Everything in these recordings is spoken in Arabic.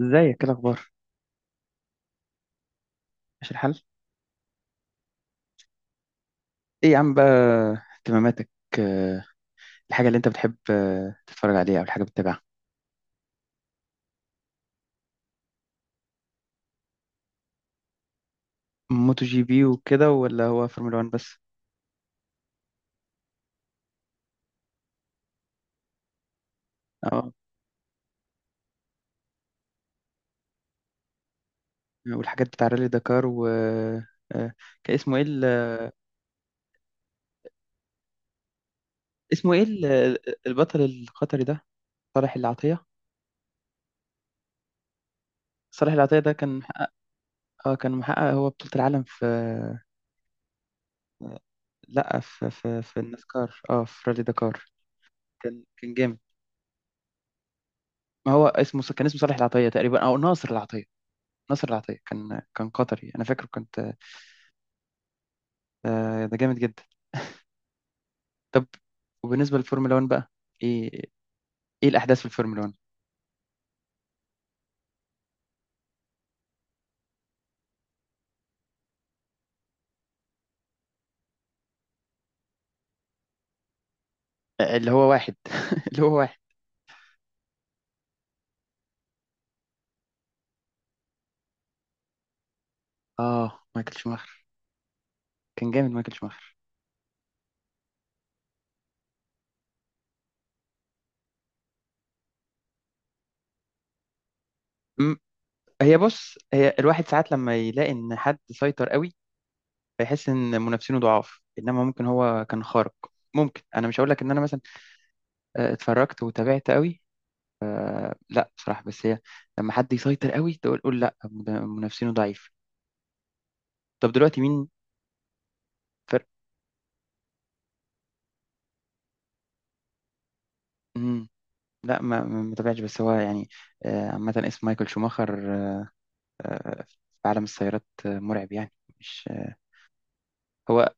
ازيك؟ ايه الاخبار؟ ماشي الحال؟ ايه يا عم بقى اهتماماتك؟ آه، الحاجه اللي انت بتحب تتفرج عليها او الحاجه بتتابعها؟ موتو جي بي وكده، ولا هو فورمولا 1 بس؟ اه. والحاجات بتاع رالي دكار، و كان اسمه ايه ال- اسمه ايه ال- البطل القطري ده، صالح العطيه. صالح العطيه ده كان محقق. اه، كان محقق، هو بطوله العالم في آه، لا، في النسكار، اه، في رالي دكار. كان جامد. ما هو اسمه كان اسمه صالح العطيه تقريبا، او ناصر العطيه. ناصر العطية كان قطري، أنا فاكره كنت. ده جامد جدا. طب وبالنسبة للفورمولا 1 بقى، إيه إيه الأحداث في الفورمولا 1؟ اللي هو واحد اللي هو واحد، مايكل شوماخر. كان جامد مايكل شوماخر. م- هي، بص، هي الواحد ساعات لما يلاقي إن حد سيطر قوي، فيحس إن منافسينه ضعاف، إنما ممكن هو كان خارق. ممكن. أنا مش هقول لك إن أنا مثلا اتفرجت وتابعت قوي. لا، بصراحة، بس هي، لما حد يسيطر قوي تقول قول لا ده منافسينه ضعيف. طب دلوقتي مين؟ فرق. لا ما تابعتش، بس هو يعني عامة، اسم مايكل شوماخر في عالم السيارات مرعب يعني. مش، هو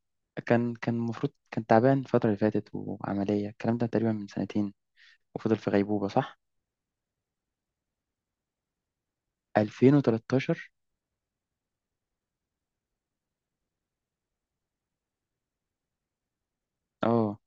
كان المفروض، كان تعبان الفترة اللي فاتت، وعملية الكلام ده تقريبا من سنتين، وفضل في غيبوبة، صح؟ 2013. اه.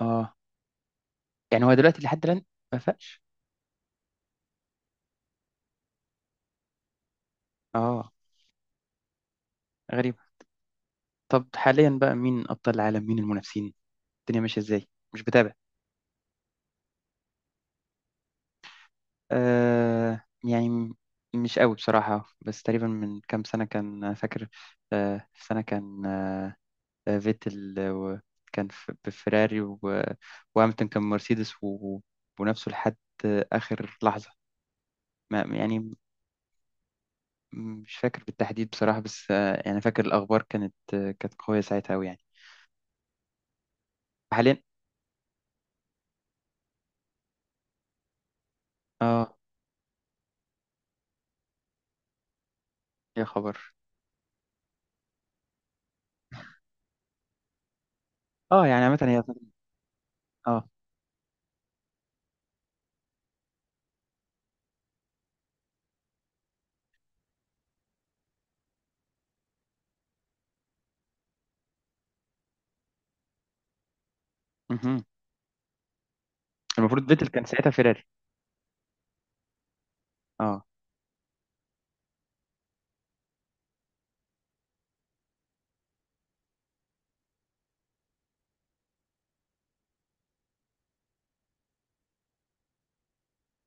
اه يعني هو دلوقتي لحد الآن ما فاقش؟ اه، غريبة. طب حاليا بقى، مين أبطال العالم؟ مين المنافسين؟ الدنيا ماشية ازاي؟ مش بتابع. آه يعني م- مش قوي بصراحة، بس تقريبا من كام سنة، كان فاكر في سنة، كان فيتل كان بفيراري، وهاملتون كان مرسيدس و- ونفسه لحد آخر لحظة. ما يعني م- مش فاكر بالتحديد بصراحة، بس يعني فاكر الأخبار كانت، كانت قوية ساعتها أوي يعني. حاليا، اه. يا خبر. اه يعني عامة هي. اه. مهم. المفروض فيتل كان ساعتها فيراري. اه،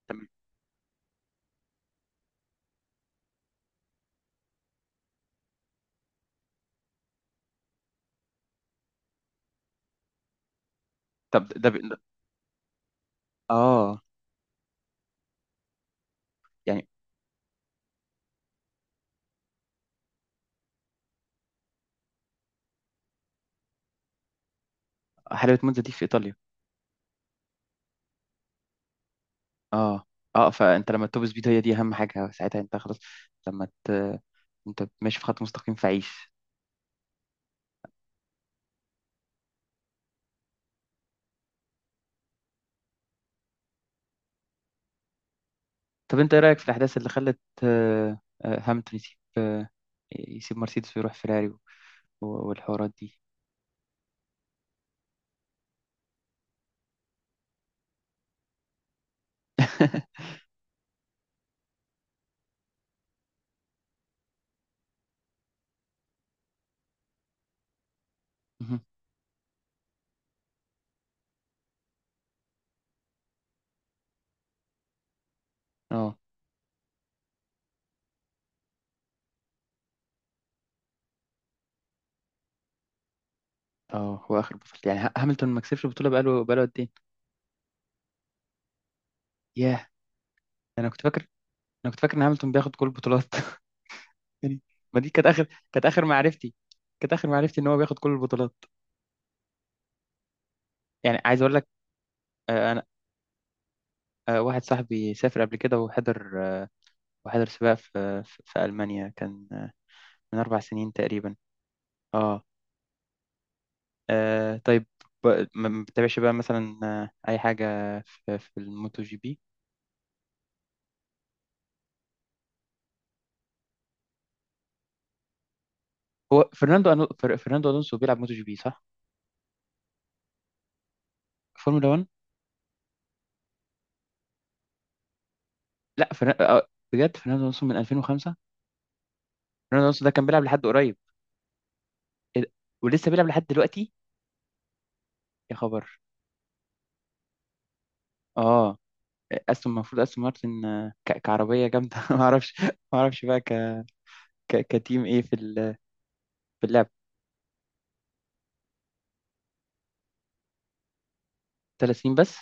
تمام. طب ده ب... اه يعني، حلاوة مونزا دي في إيطاليا. اه. اه، فأنت لما توب سبيد، هي دي أهم حاجة ساعتها، أنت خلاص. لما ت... أنت ماشي في خط مستقيم فعيش. طب أنت إيه رأيك في الأحداث اللي خلت، هامilton يسيب يسيب مرسيدس ويروح فيراري، والحوارات دي؟ مهم. اه. اه هو اخر بطولة، يعني هاملتون ما كسبش البطولة بقاله قد ايه؟ ياه. انا كنت فاكر انا كنت فاكر ان هاملتون بياخد كل البطولات. يعني، ما دي كانت اخر، كانت اخر معرفتي كانت اخر معرفتي ان هو بياخد كل البطولات. يعني عايز اقول لك. آه، واحد صاحبي سافر قبل كده وحضر، وحضر سباق في ألمانيا، كان من 4 سنين تقريبا. اه. طيب. ما ما بتتابعش بقى مثلا أي حاجة في, في الموتو جي بي؟ هو فرناندو فرناندو ألونسو بيلعب موتو جي بي، صح؟ فورمولا 1. لا، فرنا... آه، بجد فرناندو ألونسو من 2005؟ فرناندو ألونسو ده كان بيلعب لحد قريب؟ إيه ده؟ ولسه بيلعب لحد دلوقتي؟ يا خبر. اه. استون، المفروض استون مارتن كعربيه جامده. ما اعرفش. ما اعرفش بقى كتيم ايه في في اللعبه؟ 3 سنين بس؟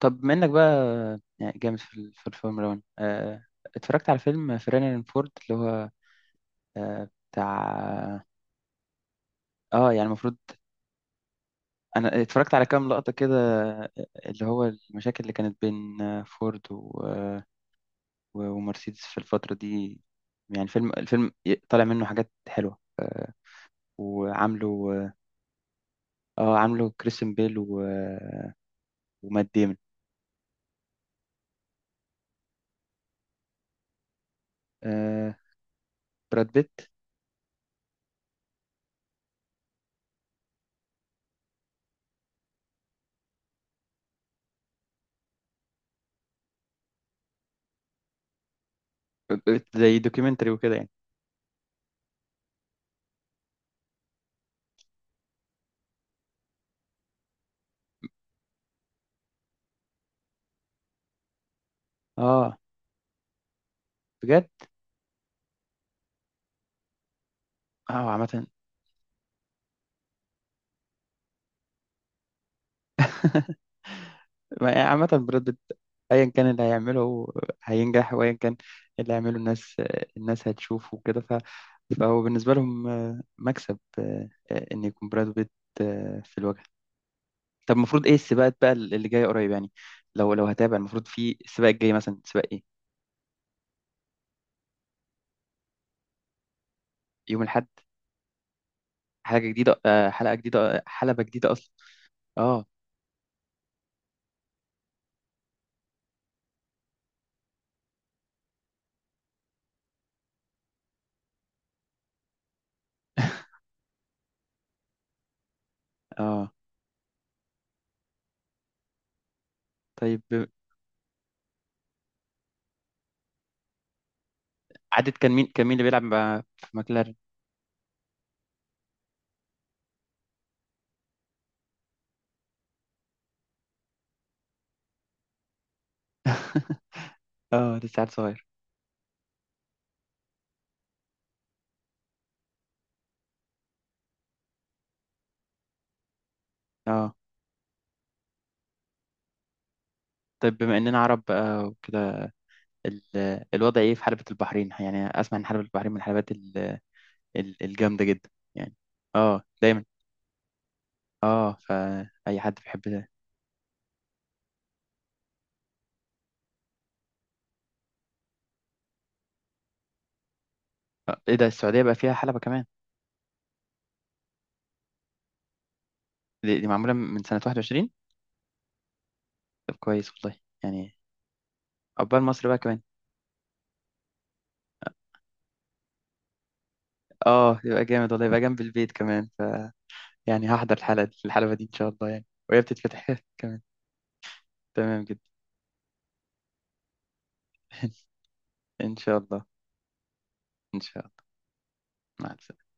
طب منك بقى، يعني جامد في في الفورمولا 1، اتفرجت على فيلم فيراري اند فورد، اللي هو بتاع. اه يعني المفروض. انا اتفرجت على كام لقطة كده، آه، اللي هو المشاكل اللي كانت بين فورد ومرسيدس في الفترة دي. يعني فيلم، الفيلم طالع منه حاجات حلوة وعامله. اه. عامله كريستيان بيل و... آه، ومات ديمون. آه، براد بيت. زي دوكيومنتري وكده يعني. اه، بجد. اه، عامة. عامة براد بيت، ايا كان اللي هيعمله هينجح، وايا كان اللي هيعمله الناس، الناس هتشوفه وكده، فهو بالنسبة لهم مكسب ان يكون براد بيت في الواجهة. طب المفروض ايه السباقات بقى اللي جاية قريب يعني؟ لو، لو هتابع، المفروض في السباق الجاي مثلا سباق ايه؟ يوم الاحد. حاجة جديدة، حلقة جديدة، حلبة جديدة اصلا. اه. اه، طيب. عدد، كان مين، كان مين اللي بيلعب مع في ماكلارين؟ اه، لسه عيل صغير. اه. طيب، بما اننا عرب بقى وكده، الوضع ايه في حلبة البحرين؟ يعني اسمع ان حلبة البحرين من الحلبات الجامدة جدا يعني. اه، دايما. اه، فاي حد بيحب ده. ايه ده السعودية بقى فيها حلبة كمان؟ دي، معمولة من سنة 21؟ طب كويس والله يعني. عقبال مصر بقى كمان. اه، يبقى جامد والله، يبقى جنب البيت كمان، ف يعني هحضر الحلقة دي، الحلبة دي، ان شاء الله يعني، وهي بتتفتح كمان. تمام جدا. ان شاء الله. ان شاء الله. مع السلامة.